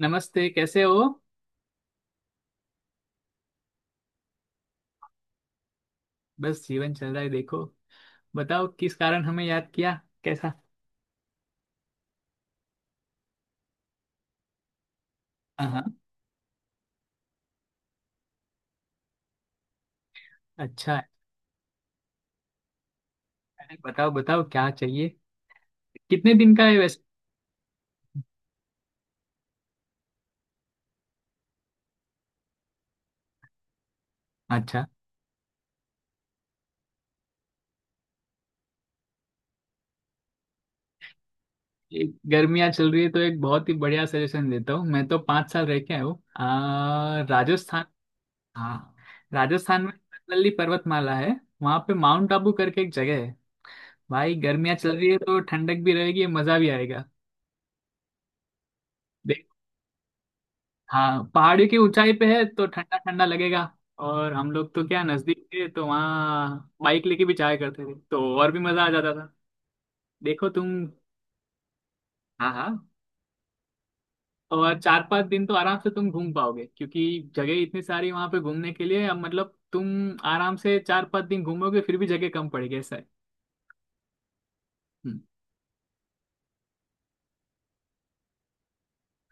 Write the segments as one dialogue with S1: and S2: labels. S1: नमस्ते, कैसे हो? बस जीवन चल रहा है, देखो। बताओ, किस कारण हमें याद किया? कैसा? हाँ हाँ। अच्छा है। अरे बताओ बताओ, क्या चाहिए? कितने दिन का है वैसे? अच्छा। एक, गर्मियाँ चल रही है तो एक बहुत ही बढ़िया सजेशन देता हूँ। मैं तो 5 साल रह के आया हूँ, राजस्थान। हाँ। राजस्थान में, नल्ली पर्वतमाला है। वहाँ पे माउंट आबू करके एक जगह है। भाई गर्मियाँ चल रही है तो ठंडक भी रहेगी, मजा भी आएगा। हाँ, पहाड़ियों की ऊंचाई पे है तो ठंडा ठंडा लगेगा। और हम लोग तो क्या, नजदीक थे तो वहाँ बाइक लेके भी जाया करते थे तो और भी मजा आ जाता था। देखो तुम। हाँ हाँ। और 4-5 दिन तो आराम से तुम घूम पाओगे, क्योंकि जगह इतनी सारी वहां पे घूमने के लिए। अब मतलब तुम आराम से 4-5 दिन घूमोगे फिर भी जगह कम पड़ेगी, ऐसा है। हम्म,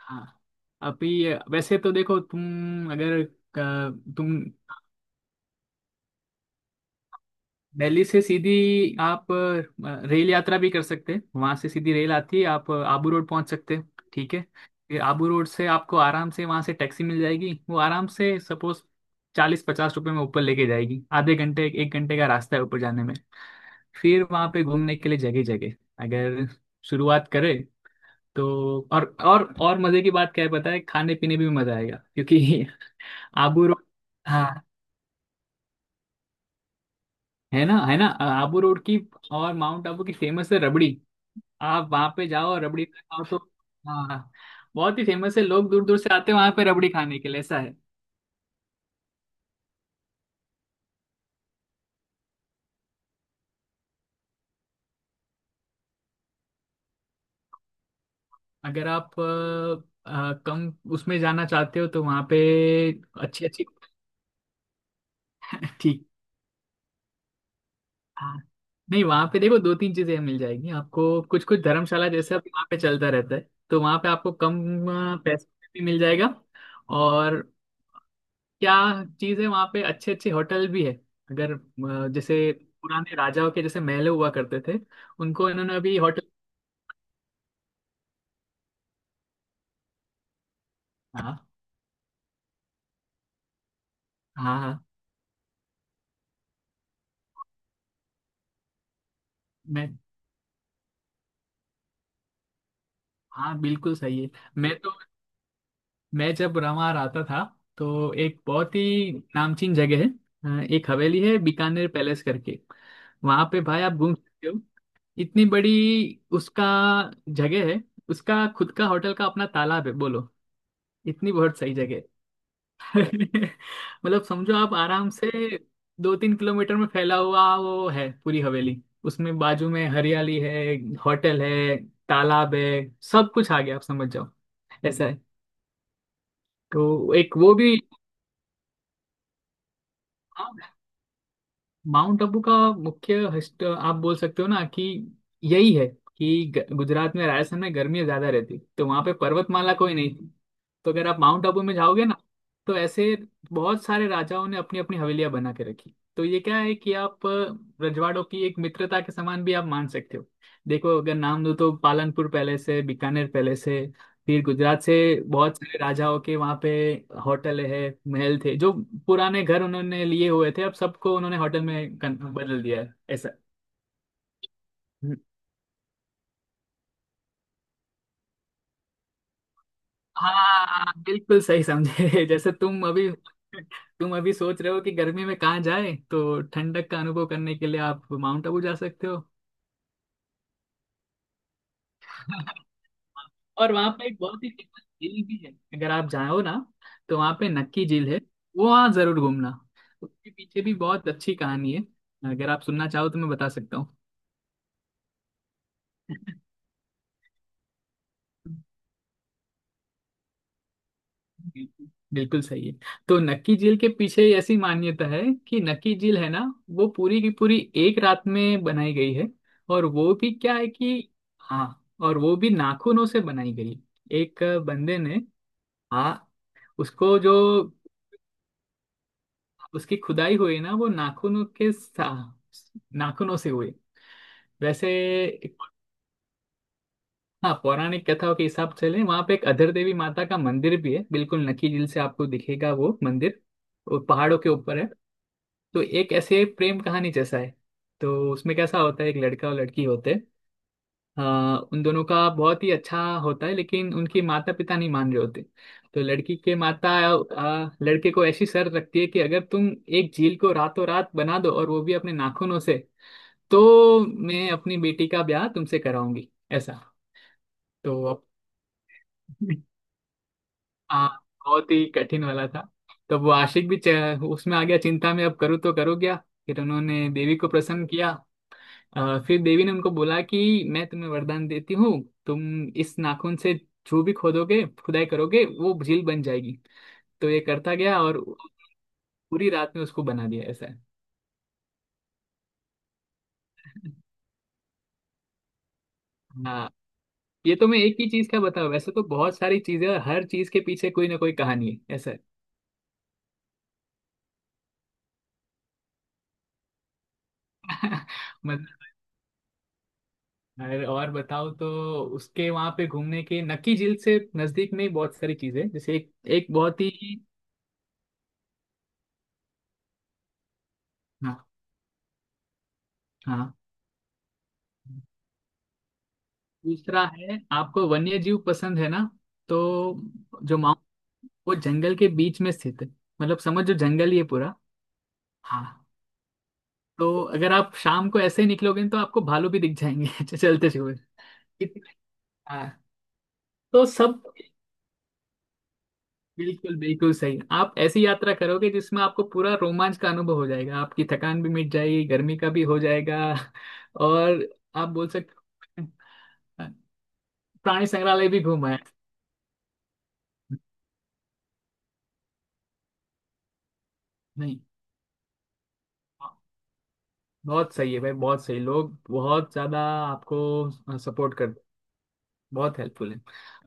S1: हाँ। अभी वैसे तो देखो तुम, अगर अ, तुम दिल्ली से सीधी, आप रेल यात्रा भी कर सकते हैं। वहां से सीधी रेल आती है, आप आबू रोड पहुंच सकते हैं, ठीक है? फिर आबू रोड से आपको आराम से वहां से टैक्सी मिल जाएगी, वो आराम से सपोज 40-50 रुपए में ऊपर लेके जाएगी। आधे घंटे एक घंटे का रास्ता है ऊपर जाने में। फिर वहां पे घूमने के लिए जगह जगह, अगर शुरुआत करें तो और मजे की बात क्या है पता है, खाने पीने भी मजा आएगा, क्योंकि आबू रोड। हाँ, है ना, है ना, आबू रोड की और माउंट आबू की फेमस है रबड़ी। आप वहां पे जाओ और रबड़ी खाओ तो। हाँ। बहुत ही फेमस है, लोग दूर दूर से आते हैं वहां पे रबड़ी खाने के लिए, ऐसा है। अगर आप कम उसमें जाना चाहते हो तो वहां पे, अच्छी अच्छी। ठीक। हाँ। नहीं, वहां पे देखो दो तीन चीजें मिल जाएगी आपको, कुछ कुछ धर्मशाला जैसे अभी वहां पे चलता रहता है। तो वहां पे आपको कम पैसे में भी मिल जाएगा। और क्या चीज है, वहां पे अच्छे अच्छे होटल भी है। अगर जैसे पुराने राजाओं के जैसे महल हुआ करते थे, उनको इन्होंने अभी होटल। हाँ। हाँ हाँ। मैं। हाँ बिल्कुल सही है। मैं तो मैं जब वहाँ आता था, तो एक बहुत ही नामचीन जगह है, एक हवेली है, बीकानेर पैलेस करके। वहां पे भाई आप घूम सकते हो, इतनी बड़ी। उसका, जगह है, उसका खुद का होटल का अपना तालाब है, बोलो। इतनी बहुत सही जगह है मतलब समझो आप आराम से, 2-3 किलोमीटर में फैला हुआ वो है पूरी हवेली, उसमें बाजू में हरियाली है, होटल है, तालाब है। सब कुछ आ गया, आप समझ जाओ, ऐसा है। तो एक वो भी। हाँ। माउंट आबू का मुख्य हस्त आप बोल सकते हो ना, कि यही है, कि गुजरात में, राजस्थान में गर्मी ज्यादा रहती तो वहां पे पर्वतमाला कोई नहीं थी। तो अगर आप माउंट आबू में जाओगे ना, तो ऐसे बहुत सारे राजाओं ने अपनी अपनी हवेलियां बना के रखी। तो ये क्या है कि आप रजवाड़ों की एक मित्रता के समान भी आप मान सकते हो। देखो अगर नाम दूं तो, पालनपुर पैलेस है, बीकानेर पैलेस है, फिर गुजरात से बहुत सारे राजाओं के वहाँ पे होटल है। महल थे जो पुराने घर उन्होंने लिए हुए थे, अब सबको उन्होंने होटल में बदल दिया है, ऐसा। हाँ बिल्कुल सही समझे जैसे तुम अभी सोच रहे हो कि गर्मी में कहाँ जाए, तो ठंडक का अनुभव करने के लिए आप माउंट आबू जा सकते हो। और वहाँ पे एक बहुत ही फेमस झील भी है, अगर आप जाओ ना, तो वहाँ पे नक्की झील है। वो वहाँ जरूर घूमना। उसके पीछे भी बहुत अच्छी कहानी है, अगर आप सुनना चाहो तो मैं बता सकता हूँ। बिल्कुल बिल्कुल सही है। तो नक्की झील के पीछे ऐसी मान्यता है कि, नक्की झील है ना, वो पूरी की पूरी एक रात में बनाई गई है। और वो भी क्या है कि, हाँ, और वो भी नाखूनों से बनाई गई, एक बंदे ने। हाँ। उसको जो, उसकी खुदाई हुई ना, वो नाखूनों के नाखूनों से हुई। वैसे एक- हाँ, पौराणिक कथाओं के हिसाब से लें, वहाँ पे एक अधर देवी माता का मंदिर भी है, बिल्कुल नक्की झील से आपको दिखेगा वो मंदिर। वो पहाड़ों के ऊपर है। तो एक ऐसे प्रेम कहानी जैसा है। तो उसमें कैसा होता है, एक लड़का और लड़की होते हैं, उन दोनों का बहुत ही अच्छा होता है, लेकिन उनके माता पिता नहीं मान रहे होते। तो लड़की के माता, लड़के को ऐसी शर्त रखती है कि, अगर तुम एक झील को रातों रात बना दो और वो भी अपने नाखूनों से, तो मैं अपनी बेटी का ब्याह तुमसे कराऊंगी, ऐसा। तो अब हाँ, बहुत ही कठिन वाला था। तो वो आशिक भी उसमें आ गया चिंता में, अब करूँ तो करूँ क्या। फिर उन्होंने देवी को प्रसन्न किया। फिर देवी ने उनको बोला कि, मैं तुम्हें वरदान देती हूँ, तुम इस नाखून से जो भी खोदोगे खुदाई करोगे वो झील बन जाएगी। तो ये करता गया और पूरी रात में उसको बना दिया, ऐसा है। हाँ, ये तो मैं एक ही चीज का बताऊँ, वैसे तो बहुत सारी चीजें, और हर चीज के पीछे कोई ना कोई कहानी है, ऐसा है। मतलब, और बताओ तो, उसके वहां पे घूमने के, नक्की झील से नजदीक में ही बहुत सारी चीजें हैं। जैसे एक, एक बहुत ही। हाँ हाँ। दूसरा है, आपको वन्य जीव पसंद है ना, तो जो माउंट, वो जंगल के बीच में स्थित है, मतलब समझो जंगल ही है पूरा। हाँ। तो अगर आप शाम को ऐसे ही निकलोगे, तो आपको भालू भी दिख जाएंगे चलते हुए। हाँ। तो सब बिल्कुल बिल्कुल सही। आप ऐसी यात्रा करोगे जिसमें आपको पूरा रोमांच का अनुभव हो जाएगा, आपकी थकान भी मिट जाएगी, गर्मी का भी हो जाएगा और आप बोल सकते हो, प्राणी संग्रहालय भी घूमा है। नहीं, बहुत सही है भाई, बहुत सही, लोग बहुत ज्यादा आपको सपोर्ट कर, बहुत हेल्पफुल है।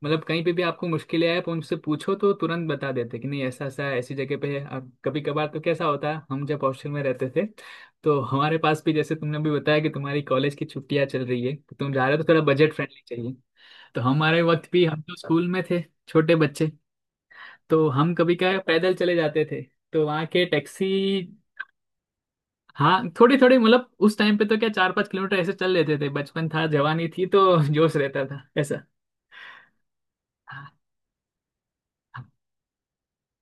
S1: मतलब कहीं पे भी आपको मुश्किलें आए, आप उनसे पूछो तो तुरंत बता देते कि, नहीं ऐसा ऐसा है, ऐसी जगह पे है। अब कभी कभार तो कैसा होता है, हम जब हॉस्टल में रहते थे, तो हमारे पास भी, जैसे तुमने भी बताया कि तुम्हारी कॉलेज की छुट्टियां चल रही है तो तुम जा रहे हो, तो थोड़ा बजट फ्रेंडली चाहिए। तो हमारे वक्त भी हम तो स्कूल में थे, छोटे बच्चे। तो हम कभी क्या है, पैदल चले जाते थे, तो वहाँ के टैक्सी। हाँ, थोड़ी थोड़ी, मतलब उस टाइम पे तो क्या, 4-5 किलोमीटर ऐसे चल लेते थे, बचपन था जवानी थी तो जोश रहता था, ऐसा। हाँ,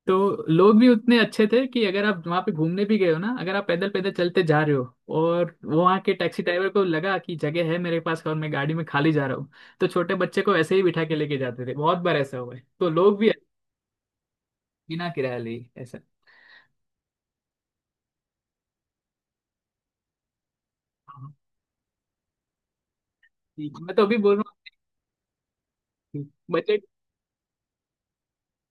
S1: तो लोग भी उतने अच्छे थे कि अगर आप वहाँ पे घूमने भी गए हो ना, अगर आप पैदल पैदल चलते जा रहे हो, और वो वहाँ के टैक्सी ड्राइवर को लगा कि जगह है मेरे पास और मैं गाड़ी में खाली जा रहा हूँ, तो छोटे बच्चे को ऐसे ही बिठा के लेके जाते थे। बहुत बार ऐसा हुआ है, तो लोग भी, बिना किराया लिए, ऐसा। हाँ। ठीक है। मैं तो अभी बोल रहा हूँ, बजट,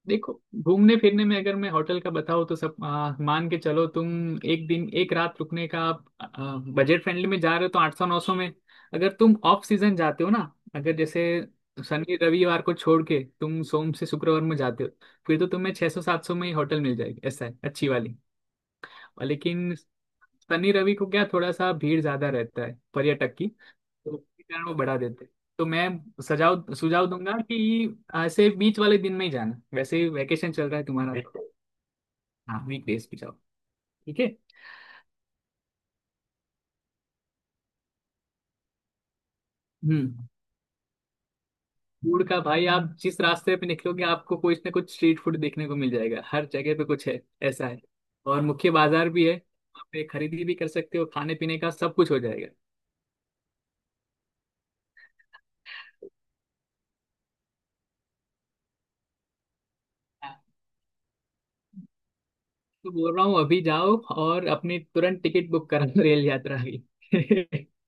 S1: देखो घूमने फिरने में अगर मैं होटल का बताऊँ, तो सब, मान के चलो तुम, एक दिन एक रात रुकने का, आप बजट फ्रेंडली में जा रहे हो तो 800-900 में। अगर तुम ऑफ सीजन जाते हो ना, अगर जैसे शनि रविवार को छोड़ के तुम सोम से शुक्रवार में जाते हो, फिर तो तुम्हें 600-700 में ही होटल मिल जाएगी, ऐसा है, अच्छी वाली। और लेकिन शनि रवि को क्या, थोड़ा सा भीड़ ज्यादा रहता है पर्यटक की, तो उसके कारण वो बढ़ा देते। तो मैं सजाव सुझाव दूंगा कि ऐसे बीच वाले दिन में ही जाना, वैसे ही वेकेशन चल रहा है तुम्हारा तो। हाँ वीकडेज पे जाओ। ठीक है। हम्म फूड का भाई, आप जिस रास्ते पे निकलोगे, आपको कुछ ना कुछ स्ट्रीट फूड देखने को मिल जाएगा, हर जगह पे कुछ है, ऐसा है। और मुख्य बाजार भी है वहाँ पे, खरीदी भी कर सकते हो, खाने पीने का सब कुछ हो जाएगा। हाँ, तो बोल रहा हूँ अभी जाओ और अपनी तुरंत टिकट बुक करा रेल यात्रा की।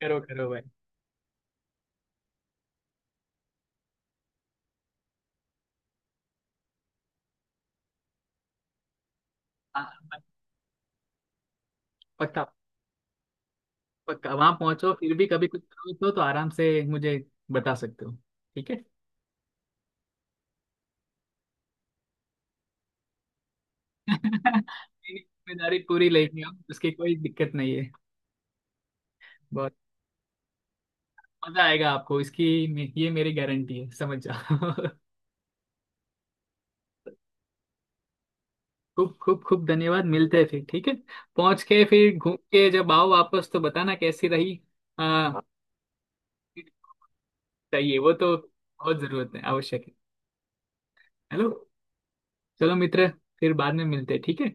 S1: करो करो भाई। हाँ। पक्का। वहां पहुंचो फिर भी कभी कुछ जरूरत हो तो आराम से मुझे बता सकते हो, ठीक है। मेरी जिम्मेदारी पूरी लेंगे हम, उसकी कोई दिक्कत नहीं है। बहुत मजा आएगा आपको इसकी, ये मेरी गारंटी है, समझ जाओ खूब खूब खूब धन्यवाद, मिलते हैं फिर, ठीक है। पहुंच के फिर घूम के जब आओ वापस तो बताना कैसी रही। हाँ, चाहिए वो तो, बहुत जरूरत है, आवश्यक है। हेलो। चलो मित्र, फिर बाद में मिलते हैं, ठीक है।